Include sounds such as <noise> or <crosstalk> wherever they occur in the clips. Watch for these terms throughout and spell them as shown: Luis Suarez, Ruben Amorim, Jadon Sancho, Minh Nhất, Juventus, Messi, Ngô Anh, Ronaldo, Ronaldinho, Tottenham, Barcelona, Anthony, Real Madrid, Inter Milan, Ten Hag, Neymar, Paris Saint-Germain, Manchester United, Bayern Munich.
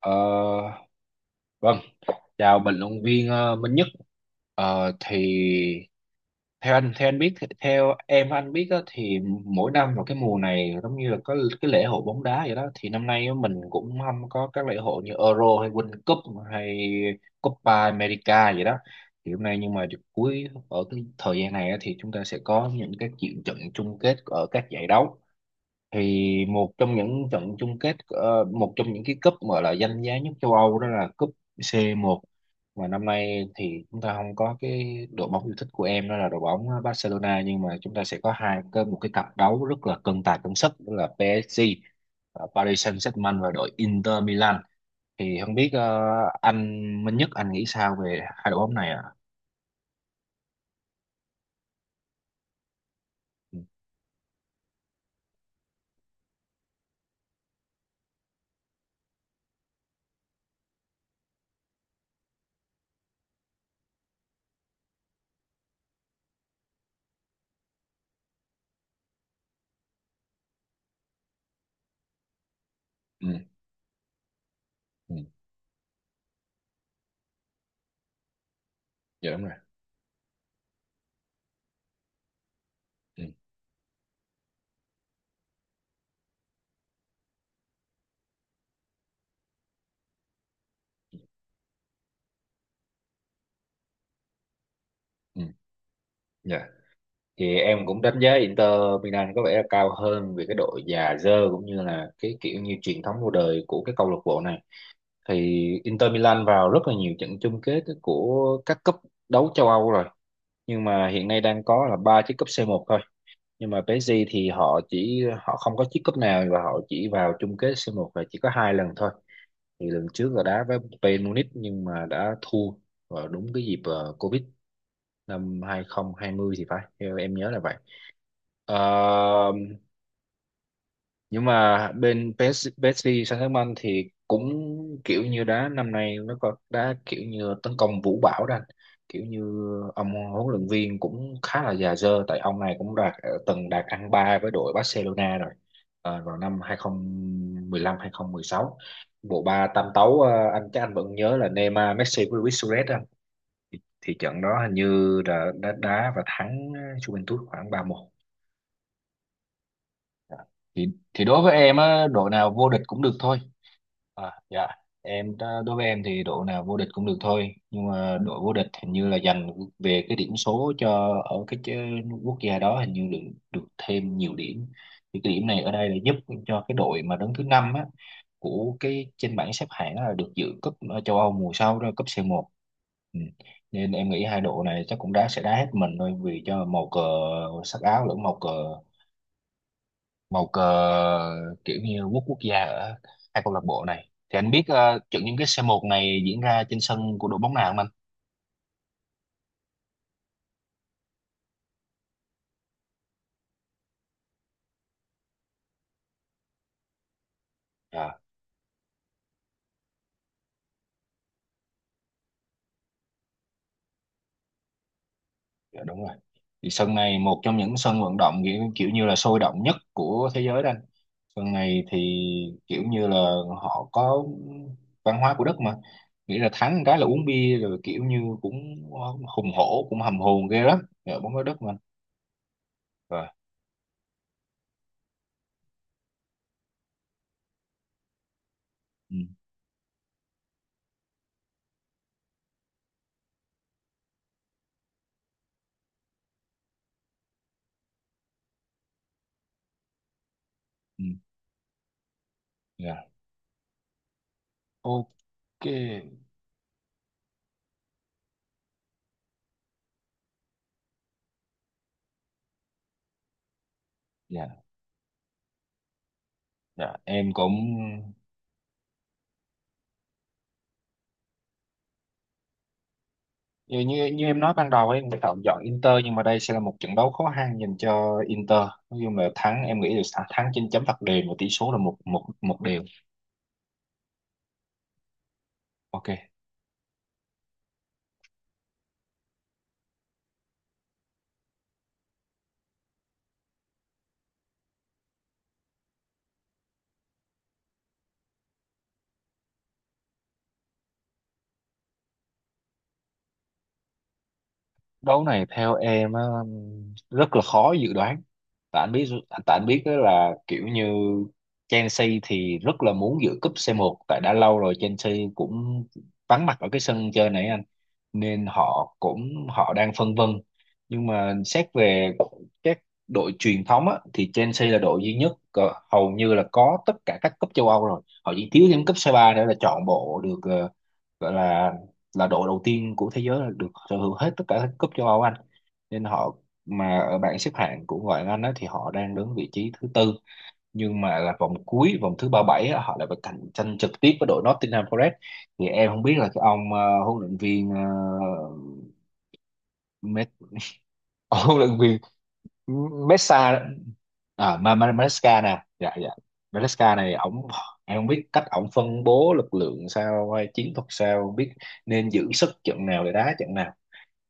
Ờ, vâng, chào bình luận viên Minh Nhất. Ờ, thì theo anh biết, theo em anh biết á, thì mỗi năm vào cái mùa này giống như là có cái lễ hội bóng đá vậy đó. Thì năm nay á, mình cũng không có các lễ hội như Euro hay World Cup hay Copa America vậy đó. Thì hôm nay nhưng mà cuối ở cái thời gian này á, thì chúng ta sẽ có những cái chuyện trận chung kết ở các giải đấu. Thì một trong những trận chung kết, một trong những cái cúp mà là danh giá nhất châu Âu đó là cúp C1 mà năm nay thì chúng ta không có cái đội bóng yêu thích của em đó là đội bóng Barcelona, nhưng mà chúng ta sẽ có hai cái một cái cặp đấu rất là cân tài cân sức đó là PSG và Paris Saint-Germain và đội Inter Milan. Thì không biết anh Minh Nhất anh nghĩ sao về hai đội bóng này ạ? Ừ, ừ, ừ, dạ đúng rồi. Ừ, ừ, dạ, thì em cũng đánh giá Inter Milan có vẻ là cao hơn vì cái độ già dơ cũng như là cái kiểu như truyền thống lâu đời của cái câu lạc bộ này. Thì Inter Milan vào rất là nhiều trận chung kết của các cúp đấu châu Âu rồi, nhưng mà hiện nay đang có là ba chiếc cúp C1 thôi. Nhưng mà PSG thì họ không có chiếc cúp nào và họ chỉ vào chung kết C1 là chỉ có hai lần thôi. Thì lần trước là đá với Bayern Munich nhưng mà đã thua, vào đúng cái dịp Covid năm 2020 thì phải, theo em nhớ là vậy. Ờ, nhưng mà bên PSG Saint-Germain thì cũng kiểu như đá năm nay nó có đá kiểu như tấn công vũ bão đó anh, kiểu như ông huấn luyện viên cũng khá là già dơ tại ông này cũng từng đạt ăn ba với đội Barcelona rồi. Ờ, vào năm 2015, sáu bộ ba tam tấu anh chắc anh vẫn nhớ là Neymar, Messi với Luis Suarez đó anh. Thì trận đó hình như đã đá và thắng Juventus khoảng ba một. Thì thì đối với em á, đội nào vô địch cũng được thôi. À, dạ, đối với em thì đội nào vô địch cũng được thôi, nhưng mà đội vô địch hình như là dành về cái điểm số cho ở cái quốc gia đó, hình như được được thêm nhiều điểm. Thì cái điểm này ở đây là giúp cho cái đội mà đứng thứ năm á, của cái trên bảng xếp hạng á, là được dự cúp châu Âu mùa sau, đó cúp C1. Ừ. Nên em nghĩ hai đội này chắc cũng đá hết mình thôi vì cho màu cờ sắc áo, lẫn màu cờ, màu cờ, kiểu như quốc quốc gia ở hai câu lạc bộ này. Thì anh biết trận chung kết c một này diễn ra trên sân của đội bóng nào không anh? À, dạ đúng rồi. Thì sân này một trong những sân vận động kiểu như là sôi động nhất của thế giới đó anh. Sân này thì kiểu như là họ có văn hóa của đất mà. Nghĩ là thắng cái là uống bia rồi kiểu như cũng hùng hổ, cũng hầm hồn ghê lắm. Dạ, bóng đá đất mà anh. Rồi. Ừ, ừ, dạ. Ok. Dạ, dạ. Em cũng như như, như em nói ban đầu ấy, người ta chọn Inter nhưng mà đây sẽ là một trận đấu khó khăn dành cho Inter. Nói chung là thắng, em nghĩ là thắng trên chấm phạt đền và tỷ số là một một một đều. Ok. Đấu này theo em á, rất là khó dự đoán. Tại anh biết tại anh biết đó là kiểu như Chelsea thì rất là muốn giữ cúp C1 tại đã lâu rồi Chelsea cũng vắng mặt ở cái sân chơi này anh, nên họ đang phân vân. Nhưng mà xét về các đội truyền thống á, thì Chelsea là đội duy nhất hầu như là có tất cả các cúp châu Âu rồi, họ chỉ thiếu thêm cúp C3 nữa là trọn bộ, được gọi là đội đầu tiên của thế giới là được sở hữu hết tất cả các cúp châu Âu Anh. Nên họ, mà ở bảng xếp hạng của ngoại hạng Anh á, thì họ đang đứng vị trí thứ tư, nhưng mà là vòng cuối, vòng thứ 37 á, họ lại phải cạnh tranh trực tiếp với đội Nottingham Forest. Thì em không biết là cái ông huấn luyện viên Met, <laughs> huấn luyện viên Mesa, Maresca nè, dạ dạ. Maresca này ổng, em không biết cách ổng phân bố lực lượng sao hay chiến thuật sao biết nên giữ sức trận nào để đá trận nào.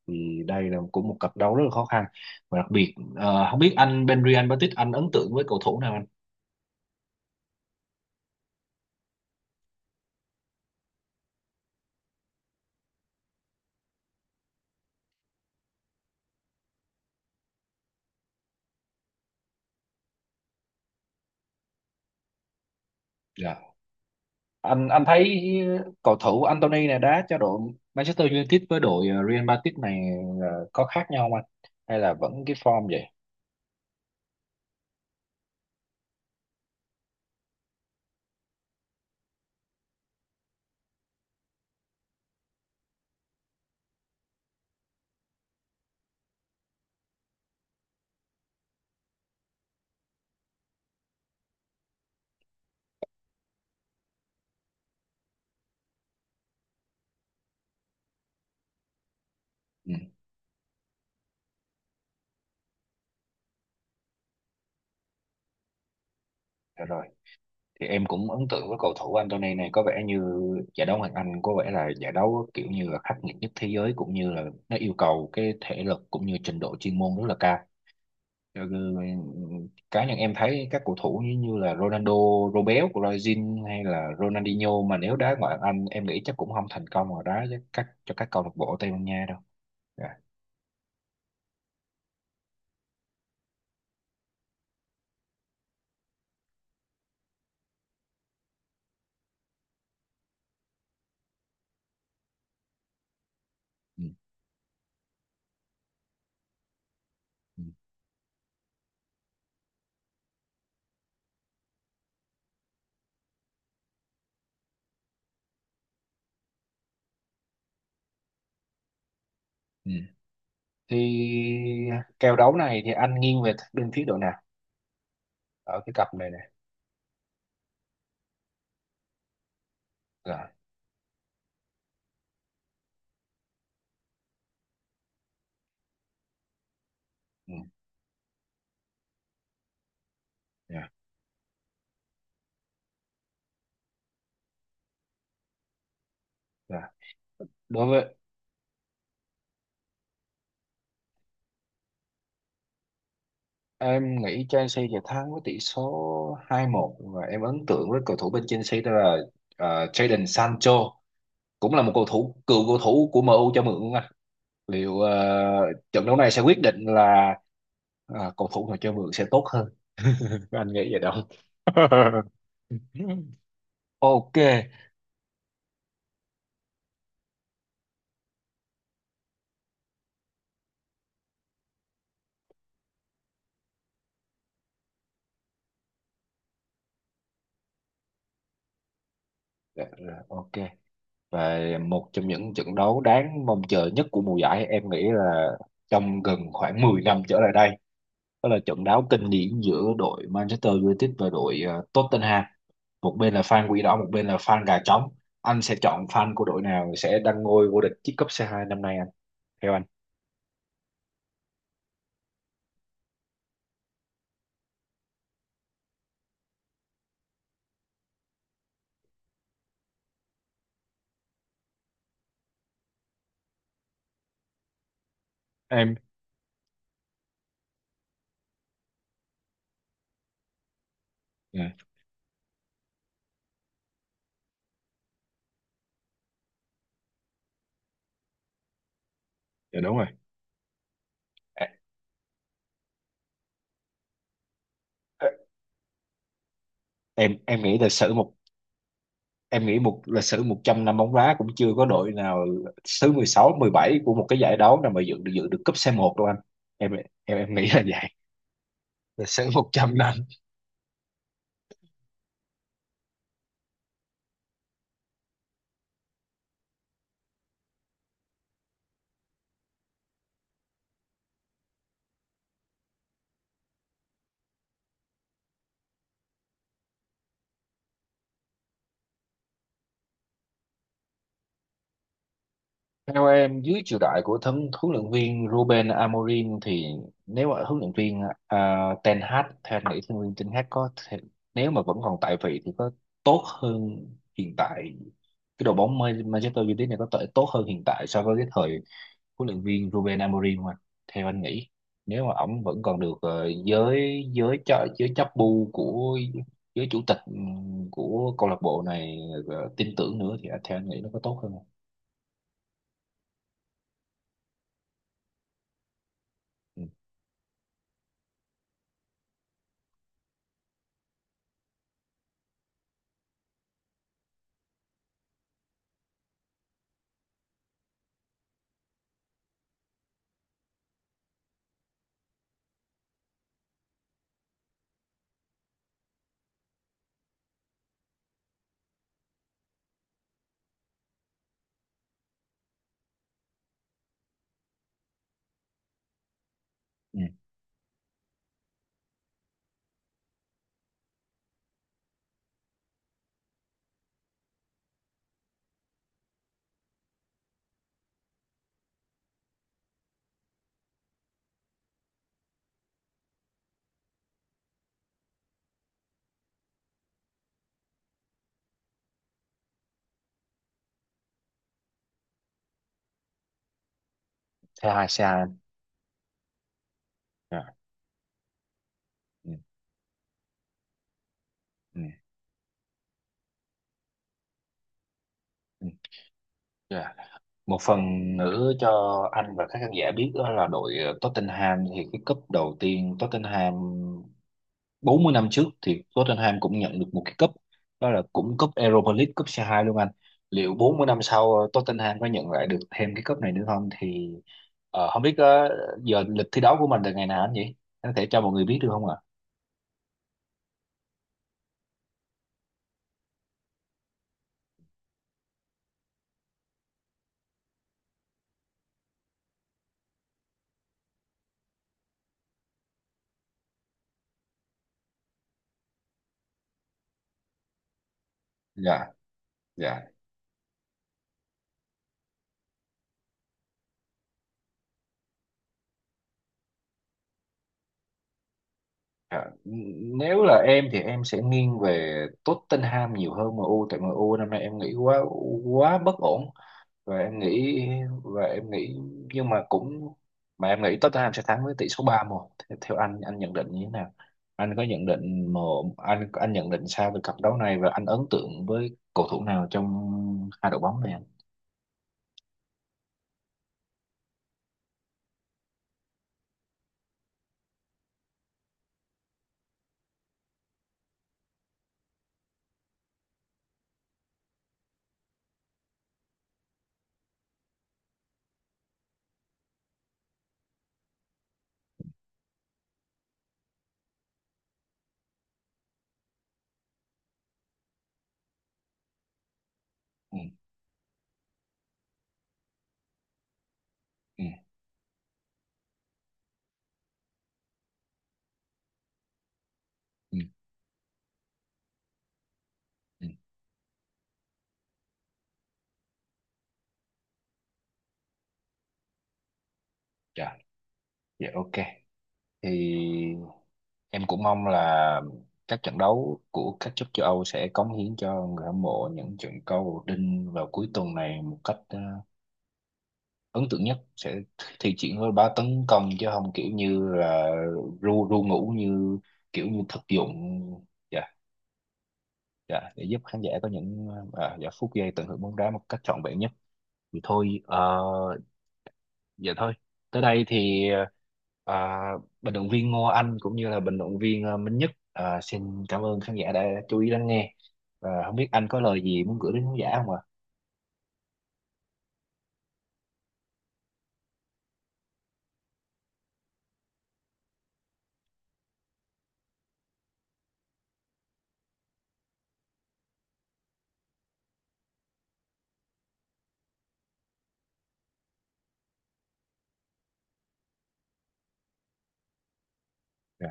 Thì đây là cũng một cặp đấu rất là khó khăn. Và đặc biệt không biết anh Benrian Petit anh ấn tượng với cầu thủ nào anh? Dạ, anh thấy cầu thủ Anthony này đá cho đội Manchester United với đội Real Madrid này có khác nhau không anh, hay là vẫn cái form vậy? Ừ, dạ rồi. Thì em cũng ấn tượng với cầu thủ Anthony này. Có vẻ như giải đấu Hoàng Anh có vẻ là giải đấu kiểu như là khắc nghiệt nhất thế giới cũng như là nó yêu cầu cái thể lực cũng như trình độ chuyên môn rất là cao. Cho nên, ừ, cá nhân em thấy các cầu thủ như là Ronaldo, Robel của Brazil hay là Ronaldinho mà nếu đá ngoại hạng Anh em nghĩ chắc cũng không thành công ở đá với các cho các câu lạc bộ Tây Ban Nha đâu. Dạ. Ừ. Ừ. Ừ. Thì kèo đấu này thì anh nghiêng về bên phía đội nào ở cái cặp này này? Dạ. Ừ. Dạ. Dạ. Đối với, em nghĩ Chelsea sẽ thắng với tỷ số hai một và em ấn tượng với cầu thủ bên Chelsea đó là Jadon Sancho, cũng là một cầu thủ cựu cầu thủ của MU cho mượn luôn anh. Liệu trận đấu này sẽ quyết định là cầu thủ nào cho mượn sẽ tốt hơn, anh nghĩ vậy đâu. <laughs> Ok. Dạ, dạ, ok. Và một trong những trận đấu đáng mong chờ nhất của mùa giải em nghĩ là trong gần khoảng 10 năm trở lại đây đó là trận đấu kinh điển giữa đội Manchester United và đội Tottenham. Một bên là fan quỷ đỏ, một bên là fan gà trống. Anh sẽ chọn fan của đội nào sẽ đăng ngôi vô địch chiếc cúp C2 năm nay anh, theo anh? em dạ dạ đúng rồi. Ê, ê, em nghĩ lịch sử một em nghĩ một lịch sử 100 năm bóng đá cũng chưa có đội nào thứ mười sáu, mười bảy của một cái giải đấu nào mà dự được cúp c một đâu anh. Em em em nghĩ là vậy. Lịch sử một trăm năm. Theo em, dưới triều đại của thân huấn luyện viên Ruben Amorim thì nếu mà huấn luyện viên, à, Ten Hag, theo anh nghĩ huấn luyện viên Ten Hag có thể, nếu mà vẫn còn tại vị thì có tốt hơn hiện tại, cái đội bóng Manchester United này có thể tốt hơn hiện tại so với cái thời huấn luyện viên Ruben Amorim mà, theo anh nghĩ, nếu mà ổng vẫn còn được giới giới cho giới chấp bu của giới chủ tịch của câu lạc bộ này tin tưởng nữa thì theo anh nghĩ nó có tốt hơn không? Ừ. Ừ. Thế hai. Dạ, ừ, ừ, ừ, dạ. Một phần nữa cho anh và các khán giả biết đó là đội Tottenham thì cái cúp đầu tiên Tottenham 40 năm trước thì Tottenham cũng nhận được một cái cúp, đó là cũng cúp Europa League, cúp C2 luôn anh. Liệu 40 năm sau Tottenham có nhận lại được thêm cái cúp này nữa không thì ờ, không biết ờ, giờ lịch thi đấu của mình là ngày nào anh nhỉ? Anh có thể cho mọi người biết được không ạ? Dạ, dạ. À, nếu là em thì em sẽ nghiêng về Tottenham nhiều hơn MU tại MU năm nay em nghĩ quá quá bất ổn. Và em nghĩ và em nghĩ nhưng mà cũng mà Em nghĩ Tottenham sẽ thắng với tỷ số ba một. Thế, theo anh nhận định như thế nào, anh có nhận định mà, anh nhận định sao về cặp đấu này và anh ấn tượng với cầu thủ nào trong hai đội bóng này anh? Ừ, ừ, ừ, ừ. Ừ. Dạ, dạ, ok. Thì em cũng mong là các trận đấu của các club châu Âu sẽ cống hiến cho người hâm mộ những trận cầu đinh vào cuối tuần này một cách ấn tượng nhất, sẽ thi triển với bá tấn công chứ không kiểu như là ru ru ngủ, như kiểu như thực dụng. Dạ. Dạ, để giúp khán giả có những dạ, phút giây tận hưởng bóng đá một cách trọn vẹn nhất. Thì thôi, vậy thôi. Tới đây thì, à, bình luận viên Ngô Anh cũng như là bình luận viên, à, Minh Nhất, à, xin cảm ơn khán giả đã chú ý lắng nghe. Và không biết anh có lời gì muốn gửi đến khán giả không ạ? Dạ.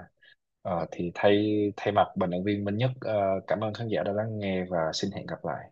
Ờ, thì thay thay mặt bình luận viên Minh Nhất, à, cảm ơn khán giả đã lắng nghe và xin hẹn gặp lại.